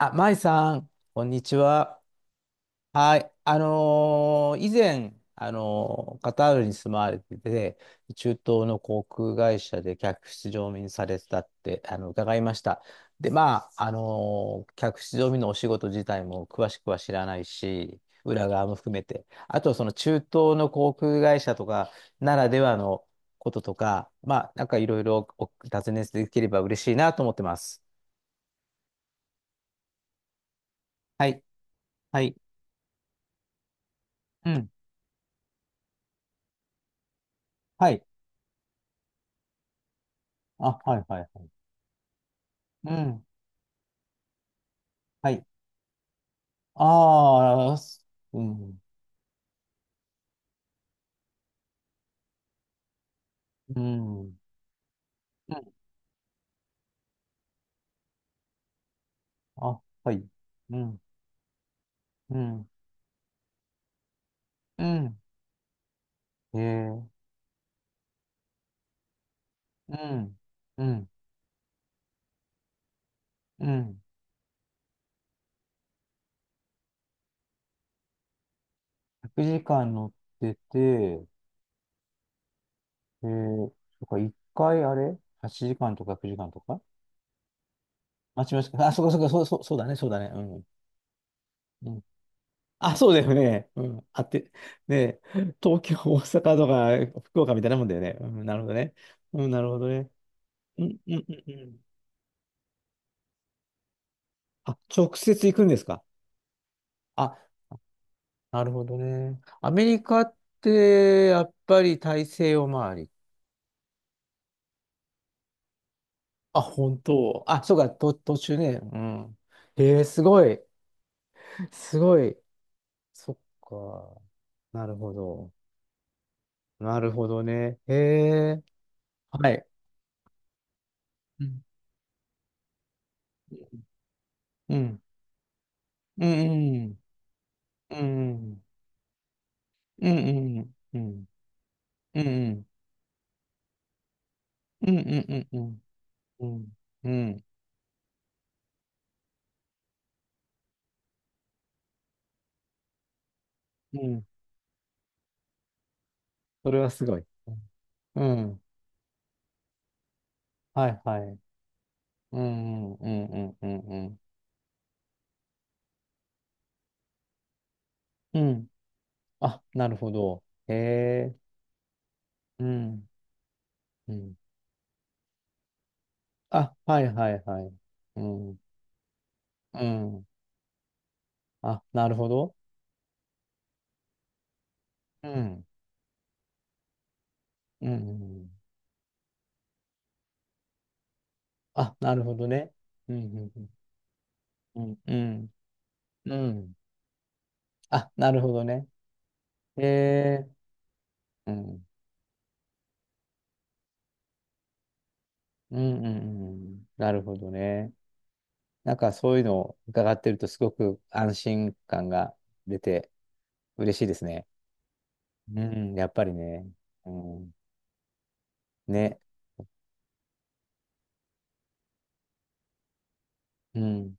あ、舞さん、こんにちは。はい。以前、カタールに住まわれてて、中東の航空会社で客室乗務員されてたって、伺いました。で、まあ、客室乗務員のお仕事自体も詳しくは知らないし、裏側も含めて、あと、その中東の航空会社とかならではのこととか、まあ、なんかいろいろお尋ねできれば嬉しいなと思ってます。はい。はい。うん。はい。あ、はいはいはい。うん。はい。ああ、す、うん。うん。うん。あ、はい。うん。うん。うん。へえ。うん。うん。うん。1時間乗ってて、えー、そっか、1回あれ？ 8 時間とか9時間とか。あ、違います。あ、そこそこ、そう、そう、そうだね、そうだね。うん。うん。あ、そうだよね。うん。あって、ねえ、東京、大阪とか、福岡みたいなもんだよね。うん、なるほどね。うん、なるほどね。うん、うん、うん。うん、あ、直接行くんですか？あ、なるほどね。アメリカって、やっぱり大西洋周り。あ、本当。あ、そうか、と、途中ね。うん。えー、すごい。すごい。そっか。なるほど。なるほどね。へえ。はい。うん。うん。うん。うん。うん。うん。うん。うん。うん。うん。うん。うん。うん。うん。うん、それはすごい。うん。はいはい。うんうんうんうんうん。うん。あ、なるほど。へえ。うん。うん。あ、はいはいはい。うん。うん。あ、なるほど。うん。うん。うん、あ、なるほどね。うん。うん。うん。うん。うん、あ、なるほどね。へえ。うん。うん。うん。うん、なるほどね。なんかそういうのを伺ってるとすごく安心感が出て嬉しいですね。うん。やっぱりね。うん。ね。うん。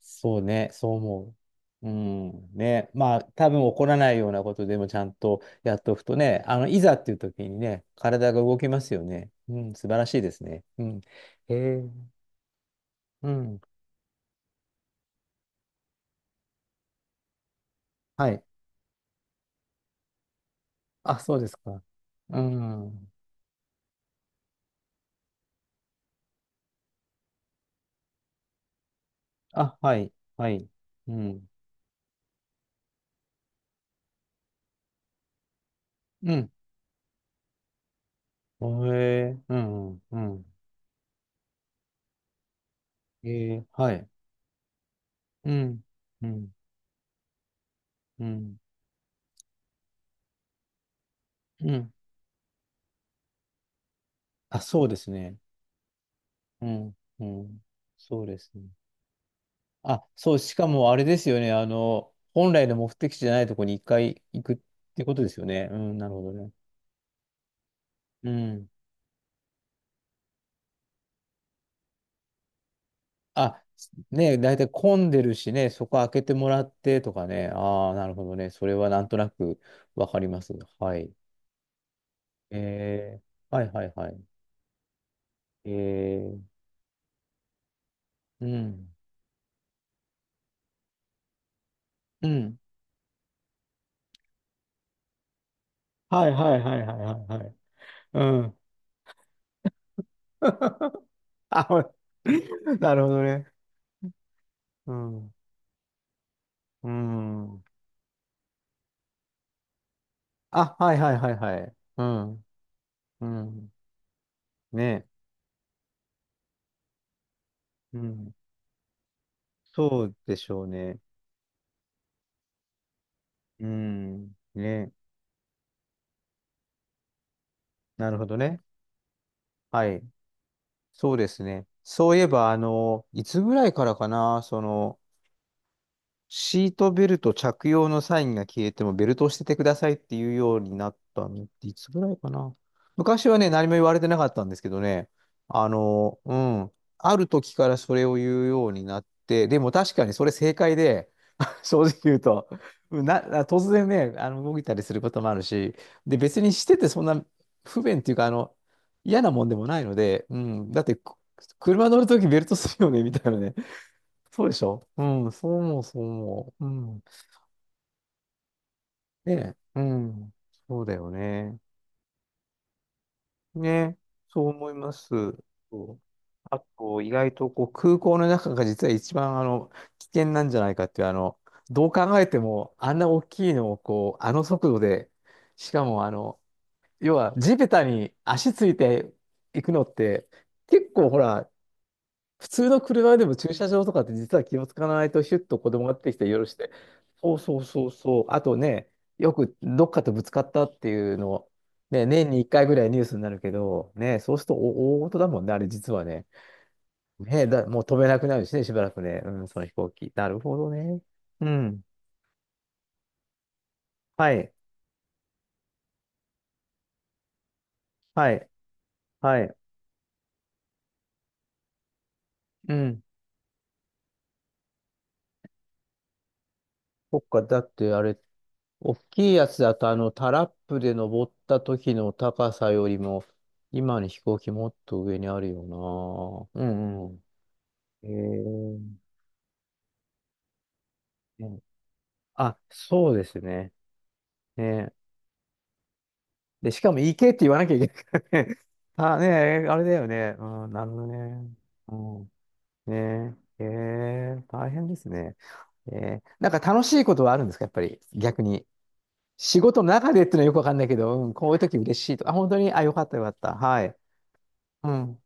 そうね。そう思う。うん。ね。まあ、多分起こらないようなことでもちゃんとやっとくとね、いざっていう時にね、体が動きますよね。うん。素晴らしいですね。うん。へえ。うん。はい。あ、そうですか。うん。あ、はい。はい。うん。うん。へえ。うん。うん。へえ。はい。うん。うん。うん。うん。あ、そうですね。うん。うん。そうですね。あ、そう、しかもあれですよね。本来の目的地じゃないところに一回行くってことですよね。うん、なるほどね。うん。あ、ね、だいたい混んでるしね、そこ開けてもらってとかね。ああ、なるほどね。それはなんとなくわかります。はい。えー、はいはいはい。えー、うん。うん。はいはいはいはいはいはい。うん。あ、ほら なるほどね。うん。うん。あ、はいはいはいはい。うん。うん。ねえ。うん。そうでしょうね。うん。ね、なるほどね。はい。そうですね。そういえば、いつぐらいからかな、その、シートベルト着用のサインが消えてもベルトをしててくださいっていうようになったのっていつぐらいかな。昔はね、何も言われてなかったんですけどね、あの、うん、ある時からそれを言うようになって、でも確かにそれ正解で、正直言うと、な、突然ね、動いたりすることもあるし、で、別にしててそんな不便っていうか、嫌なもんでもないので、うん、だって、く、車乗るときベルトするよね、みたいなね。そうでしょうん、そう思う、そう思う。うん。ねえ、うん。そうだよね。ね、そう思います。そう、あと、意外とこう空港の中が実は一番危険なんじゃないかっていう、どう考えても、あんな大きいのをこう、あの速度で、しかもあの、要は地べたに足ついていくのって、結構ほら、普通の車でも駐車場とかって実は気をつかないとヒュッと子供が出てきてよろして。そうそうそうそう。あとね、よくどっかとぶつかったっていうの、ね、年に1回ぐらいニュースになるけど、ね、そうするとお大事だもんね、あれ実はね。ね、だ、もう飛べなくなるしね、しばらくね。うん、その飛行機。なるほどね。うん。はい。はい。はい。うん。そっか、だってあれ、大きいやつだと、タラップで登った時の高さよりも、今の飛行機もっと上にあるよな。うんうん。ええ、ね、あ、そうですね。ね。で、しかも行けって言わなきゃいけないからね。あ、ねえ、あれだよね。うん、なるほどね。うん。ねえ、ええ。大変ですね。ええ。なんか楽しいことはあるんですか、やっぱり、逆に。仕事の中でっていうのはよくわかんないけど、うん、こういう時嬉しいと。あ、本当に、あ、よかったよかった。はい。うん。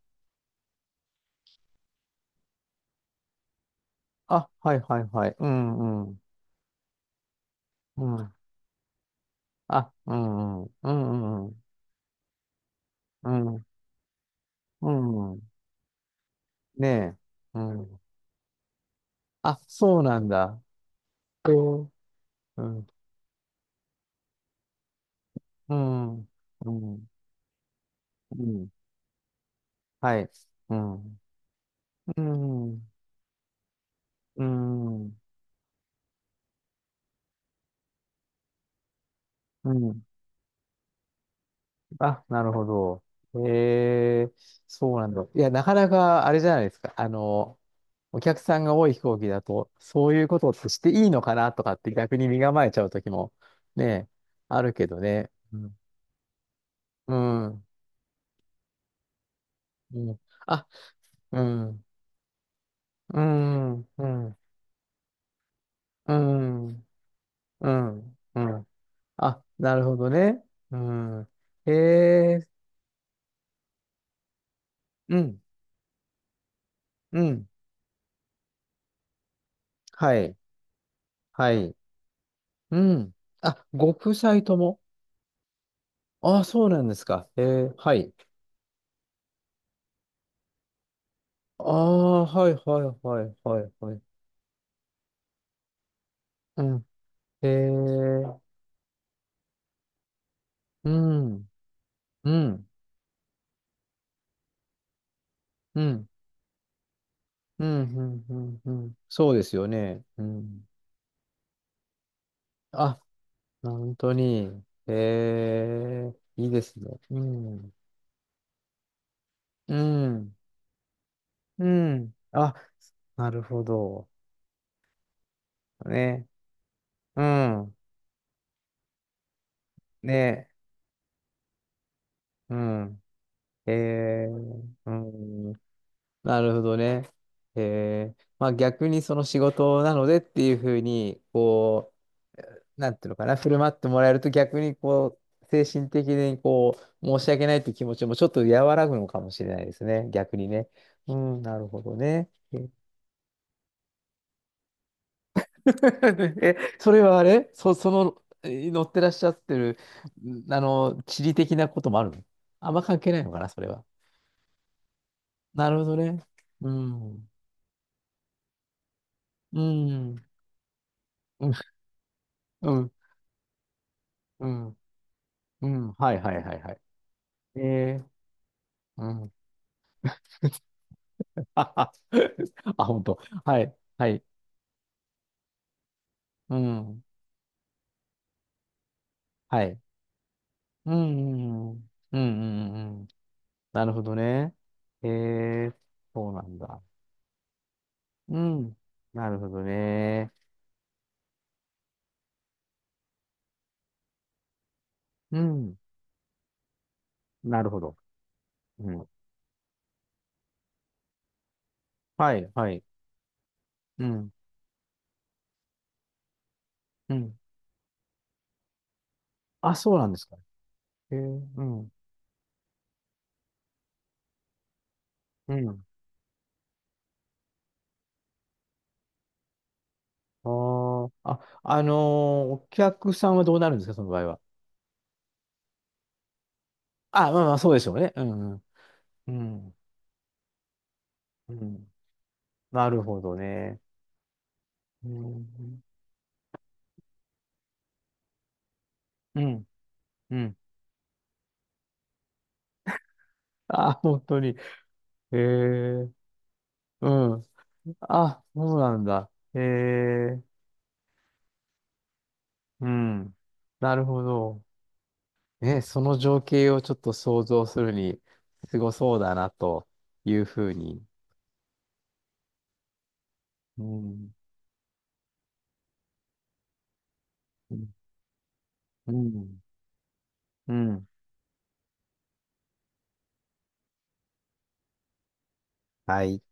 あ、はいはいはい。うんうん。うん。あ、うんうん。うんうんうん。うん。うん。ねえ。うん。あ、そうなんだ。うんうん。うん。うん。うん。はい。うん。うん。うん。うん。あ、なるほど。へえ、そうなんだ。いや、なかなかあれじゃないですか。お客さんが多い飛行機だと、そういうことってしていいのかなとかって逆に身構えちゃう時もね、あるけどね。うん。うん。うん、あ、うん。うん。うん。うん。うん。うん、あ、なるほどね。うん。へえ。うん。うん。はい。はい。うん。あ、ご夫妻とも。ああ、そうなんですか。へえ。はい。ああ、はいはいはいはいはい。うん。へえ。うん、うん、うん、うん、うん、うん、うん、そうですよね。うん。あ、本当に。ええ、いいですね。うん、うん、うん。あ、なるほど。ね。うん、ね。うん。ええ、うん。なるほどね。へえ。まあ逆にその仕事なのでっていうふうに、こう、なんていうのかな、振る舞ってもらえると逆にこう、精神的にこう、申し訳ないっていう気持ちもちょっと和らぐのかもしれないですね。逆にね。うん、なるほどね。え、それはあれそ、その、え乗ってらっしゃってる、ん、地理的なこともあるの、あんま関係ないのかな、それは。なるほどね。うん。うん。うん。うん。うんうん、はいはいはいはい。ええ、うん。あ、本当。はい、はい。うん、はい。うん、うん、うん、うん、うんうん、なるほどね。ええ、そうなんだ。うん、なるほどね。うん、なるほど。うん。はい、はい。うん、うん。あ、そうなんですか。ええ、うん、うん。あーあ、お客さんはどうなるんですか、その場合は。あ、まあまあ、そうでしょうね。うん、うん、うん。うん、なるほどね。うん。うん。うん。 あ、本当に。えー、うん。あ、そうなんだ。えー、うん。なるほど。ね、その情景をちょっと想像するに、すごそうだな、というふうに。うん。うん。うん。うん。はい。